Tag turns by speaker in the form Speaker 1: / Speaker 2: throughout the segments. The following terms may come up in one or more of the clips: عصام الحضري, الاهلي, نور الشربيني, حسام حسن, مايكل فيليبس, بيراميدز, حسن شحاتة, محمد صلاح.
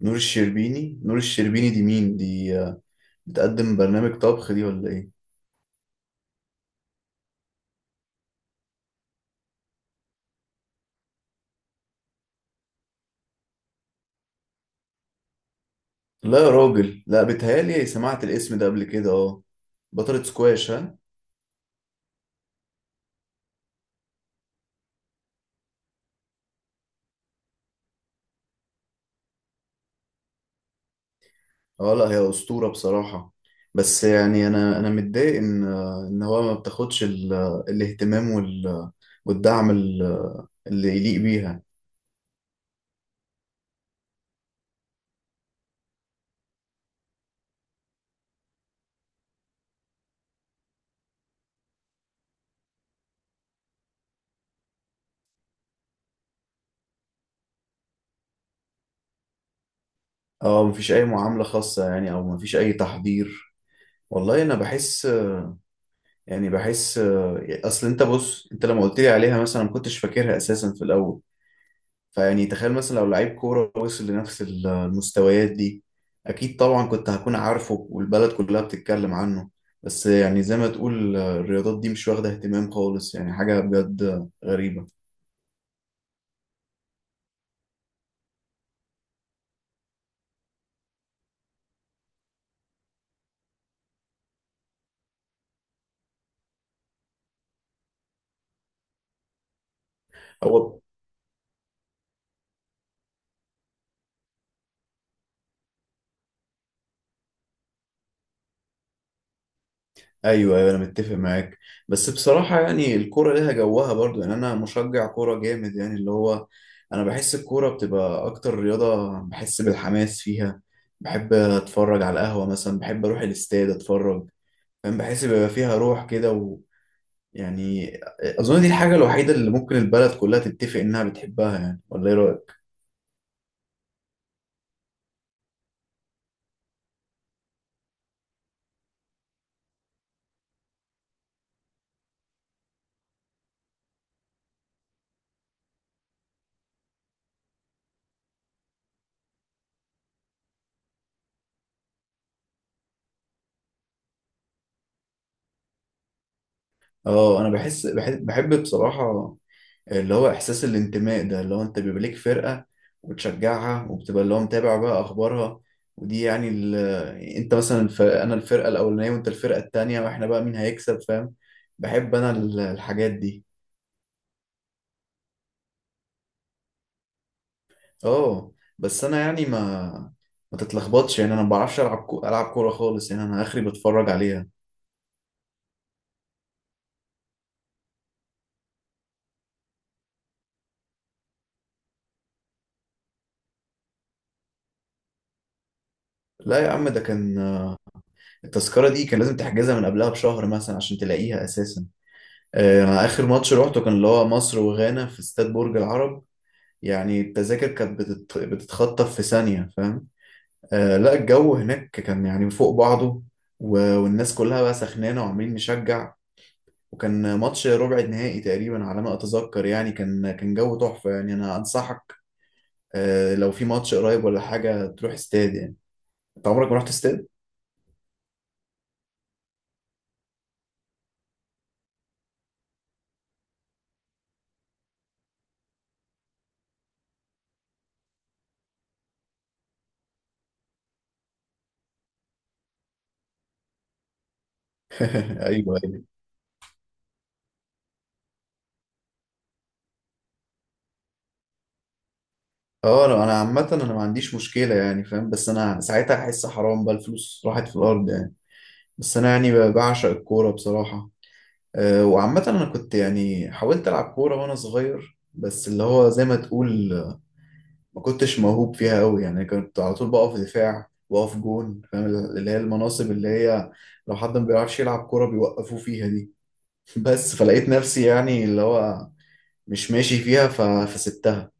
Speaker 1: نور الشربيني دي مين؟ دي بتقدم برنامج طبخ دي ولا ايه؟ لا يا راجل، لا، بتهيالي سمعت الاسم ده قبل كده. اه، بطلة سكواش؟ ها. اه، لا، هي أسطورة بصراحة. بس يعني انا متضايق ان هو ما بتاخدش الاهتمام والدعم اللي يليق بيها. اه، مفيش اي معاملة خاصة، يعني او مفيش اي تحضير. والله انا بحس، يعني بحس، اصل بص، انت لما قلت لي عليها مثلا ما كنتش فاكرها اساسا في الاول. فيعني تخيل مثلا لو لعيب كورة وصل لنفس المستويات دي، أكيد طبعا كنت هكون عارفه، والبلد كلها بتتكلم عنه. بس يعني زي ما تقول الرياضات دي مش واخدة اهتمام خالص، يعني حاجة بجد غريبة. هو. أيوه، أيوه، أنا متفق معاك. بس بصراحة يعني الكورة ليها جوها برضو، يعني أنا مشجع كورة جامد، يعني اللي هو أنا بحس الكورة بتبقى أكتر رياضة بحس بالحماس فيها. بحب أتفرج على القهوة مثلا، بحب أروح الاستاد أتفرج. فاهم، بحس بيبقى فيها روح كده، يعني. اظن دي الحاجه الوحيده اللي ممكن البلد كلها تتفق انها بتحبها، يعني، ولا ايه رايك؟ اه، انا بحب بصراحه. اللي هو احساس الانتماء ده، اللي هو انت بيبقى ليك فرقه وتشجعها، وبتبقى اللي هو متابع بقى اخبارها. ودي يعني انت مثلا انا الفرقه الاولانيه وانت الفرقه التانيه، واحنا بقى مين هيكسب، فاهم؟ بحب انا الحاجات دي. اه، بس انا يعني ما تتلخبطش، يعني انا ما بعرفش العب كوره خالص، يعني انا اخري بتفرج عليها. لا يا عم، ده كان التذكرة دي كان لازم تحجزها من قبلها بشهر مثلا عشان تلاقيها أساسا. أنا آخر ماتش روحته كان اللي هو مصر وغانا في استاد برج العرب. يعني التذاكر كانت بتتخطف في ثانية، فاهم؟ لا، الجو هناك كان يعني فوق بعضه، والناس كلها بقى سخنانة وعمالين نشجع. وكان ماتش ربع نهائي تقريبا على ما أتذكر، يعني كان جو تحفة، يعني أنا أنصحك، لو في ماتش قريب ولا حاجة تروح استاد، يعني. أنت عمرك ما رحت استاد؟ أيوه. اه، انا عامة انا ما عنديش مشكلة، يعني فاهم، بس انا ساعتها هحس حرام بقى الفلوس راحت في الارض يعني. بس انا يعني بعشق الكورة بصراحة. أه، وعامة انا كنت يعني حاولت العب كورة وانا صغير، بس اللي هو زي ما تقول، ما كنتش موهوب فيها قوي، يعني كنت على طول بقف دفاع واقف جون، فاهم، اللي هي المناصب اللي هي لو حد ما بيعرفش يلعب كورة بيوقفوه فيها دي. بس، فلقيت نفسي يعني اللي هو مش ماشي فيها، فسبتها.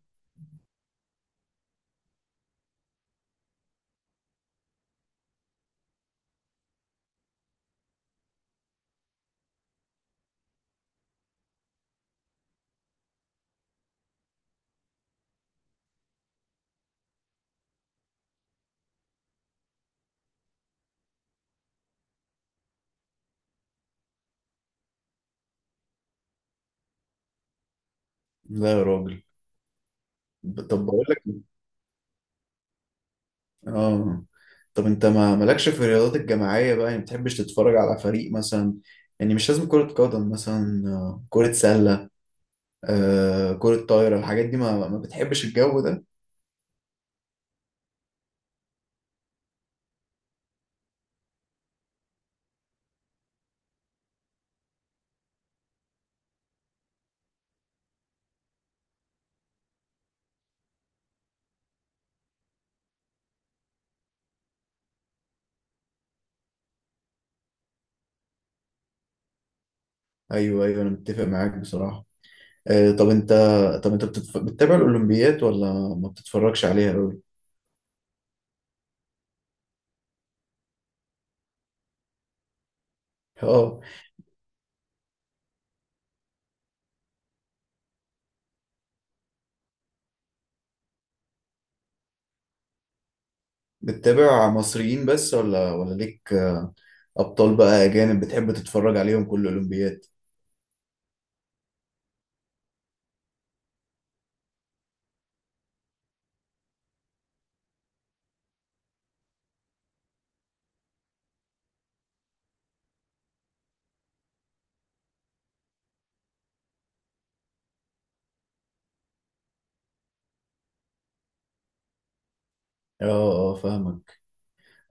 Speaker 1: لا يا راجل. طب بقول لك، اه. طب انت ما مالكش في الرياضات الجماعية بقى، يعني ما بتحبش تتفرج على فريق مثلا؟ يعني مش لازم كرة قدم، مثلا كرة سلة، كرة طايرة، الحاجات دي ما بتحبش الجو ده؟ ايوه، ايوه، انا متفق معاك بصراحة. آه، طب انت طب انت بتتابع الاولمبيات ولا ما بتتفرجش عليها قوي؟ اه، بتتابع مصريين بس، ولا ليك ابطال بقى اجانب بتحب تتفرج عليهم كل الاولمبيات؟ اه، اه، فاهمك.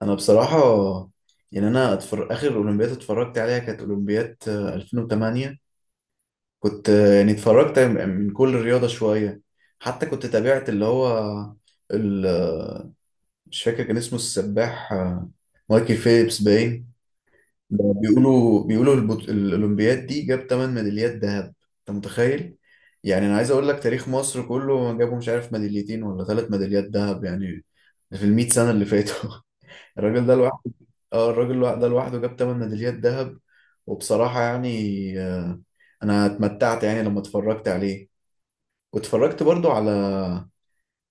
Speaker 1: انا بصراحه يعني انا اخر اولمبياد اتفرجت عليها كانت اولمبياد 2008. كنت، يعني اتفرجت من كل رياضه شويه. حتى كنت تابعت اللي هو ال... آه، مش فاكر كان اسمه، السباح، مايكل فيليبس باين. بيقولوا الاولمبياد دي جاب 8 ميداليات ذهب. انت متخيل؟ يعني انا عايز اقول لك تاريخ مصر كله جابوا مش عارف ميداليتين ولا ثلاث ميداليات ذهب، يعني في ال 100 سنه اللي فاتوا. الراجل ده، اه، الراجل ده لوحده جاب 8 ميداليات ذهب. وبصراحة يعني، أنا اتمتعت يعني لما اتفرجت عليه، واتفرجت برضو على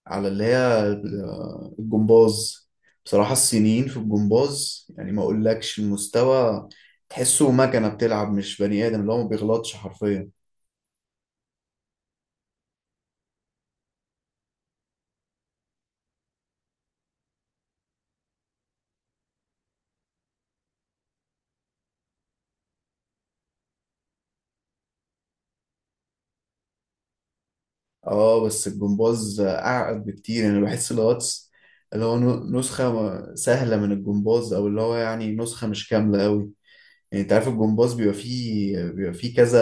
Speaker 1: على اللي هي، الجمباز. بصراحة الصينيين في الجمباز يعني ما أقولكش المستوى، تحسه مكنة بتلعب، مش بني آدم، اللي هو ما بيغلطش حرفيا. اه، بس الجمباز أعقد بكتير، يعني أنا بحس الغطس اللي هو نسخة سهلة من الجمباز، أو اللي هو يعني نسخة مش كاملة أوي. يعني انت عارف الجمباز بيبقى فيه كذا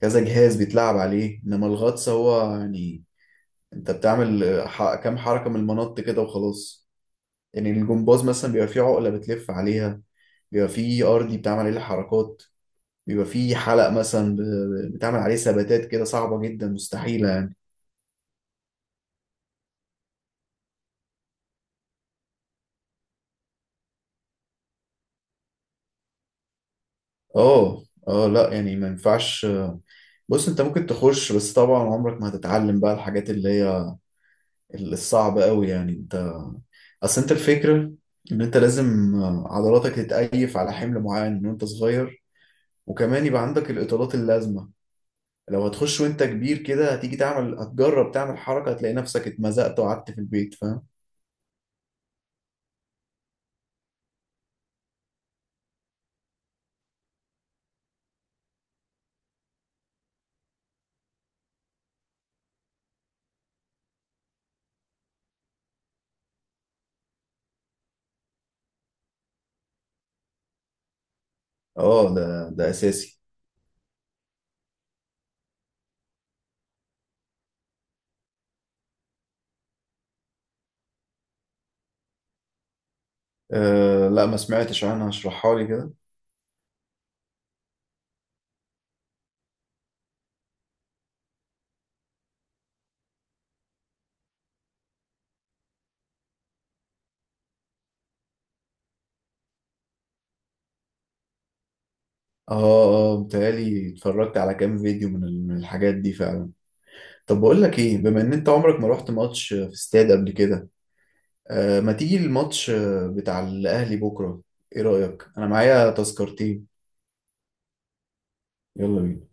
Speaker 1: كذا جهاز بيتلعب عليه، انما الغطس هو يعني انت بتعمل كام حركة من المنط كده وخلاص. يعني الجمباز مثلا بيبقى فيه عقلة بتلف عليها، بيبقى فيه ارضي بتعمل عليه الحركات، بيبقى فيه حلق مثلا بتعمل عليه ثباتات كده صعبة جدا مستحيلة يعني. اه، اه، لا يعني ما ينفعش. بص، انت ممكن تخش، بس طبعا عمرك ما هتتعلم بقى الحاجات اللي هي الصعبة قوي، يعني. اصل انت الفكرة ان انت لازم عضلاتك تتأيف على حمل معين من وانت صغير، وكمان يبقى عندك الاطالات اللازمة. لو هتخش وانت كبير كده، هتيجي تعمل، هتجرب تعمل حركة، هتلاقي نفسك اتمزقت وقعدت في البيت، فاهم؟ اه، ده اساسي. أه، لا، ما سمعتش عنها، اشرحها لي كده. اه، اه، متهيألي اتفرجت على كام فيديو من الحاجات دي فعلا. طب بقول لك ايه، بما ان انت عمرك ما رحت ماتش في استاد قبل كده، ما تيجي الماتش بتاع الأهلي بكرة. إيه رأيك؟ أنا معايا تذكرتين. يلا بينا.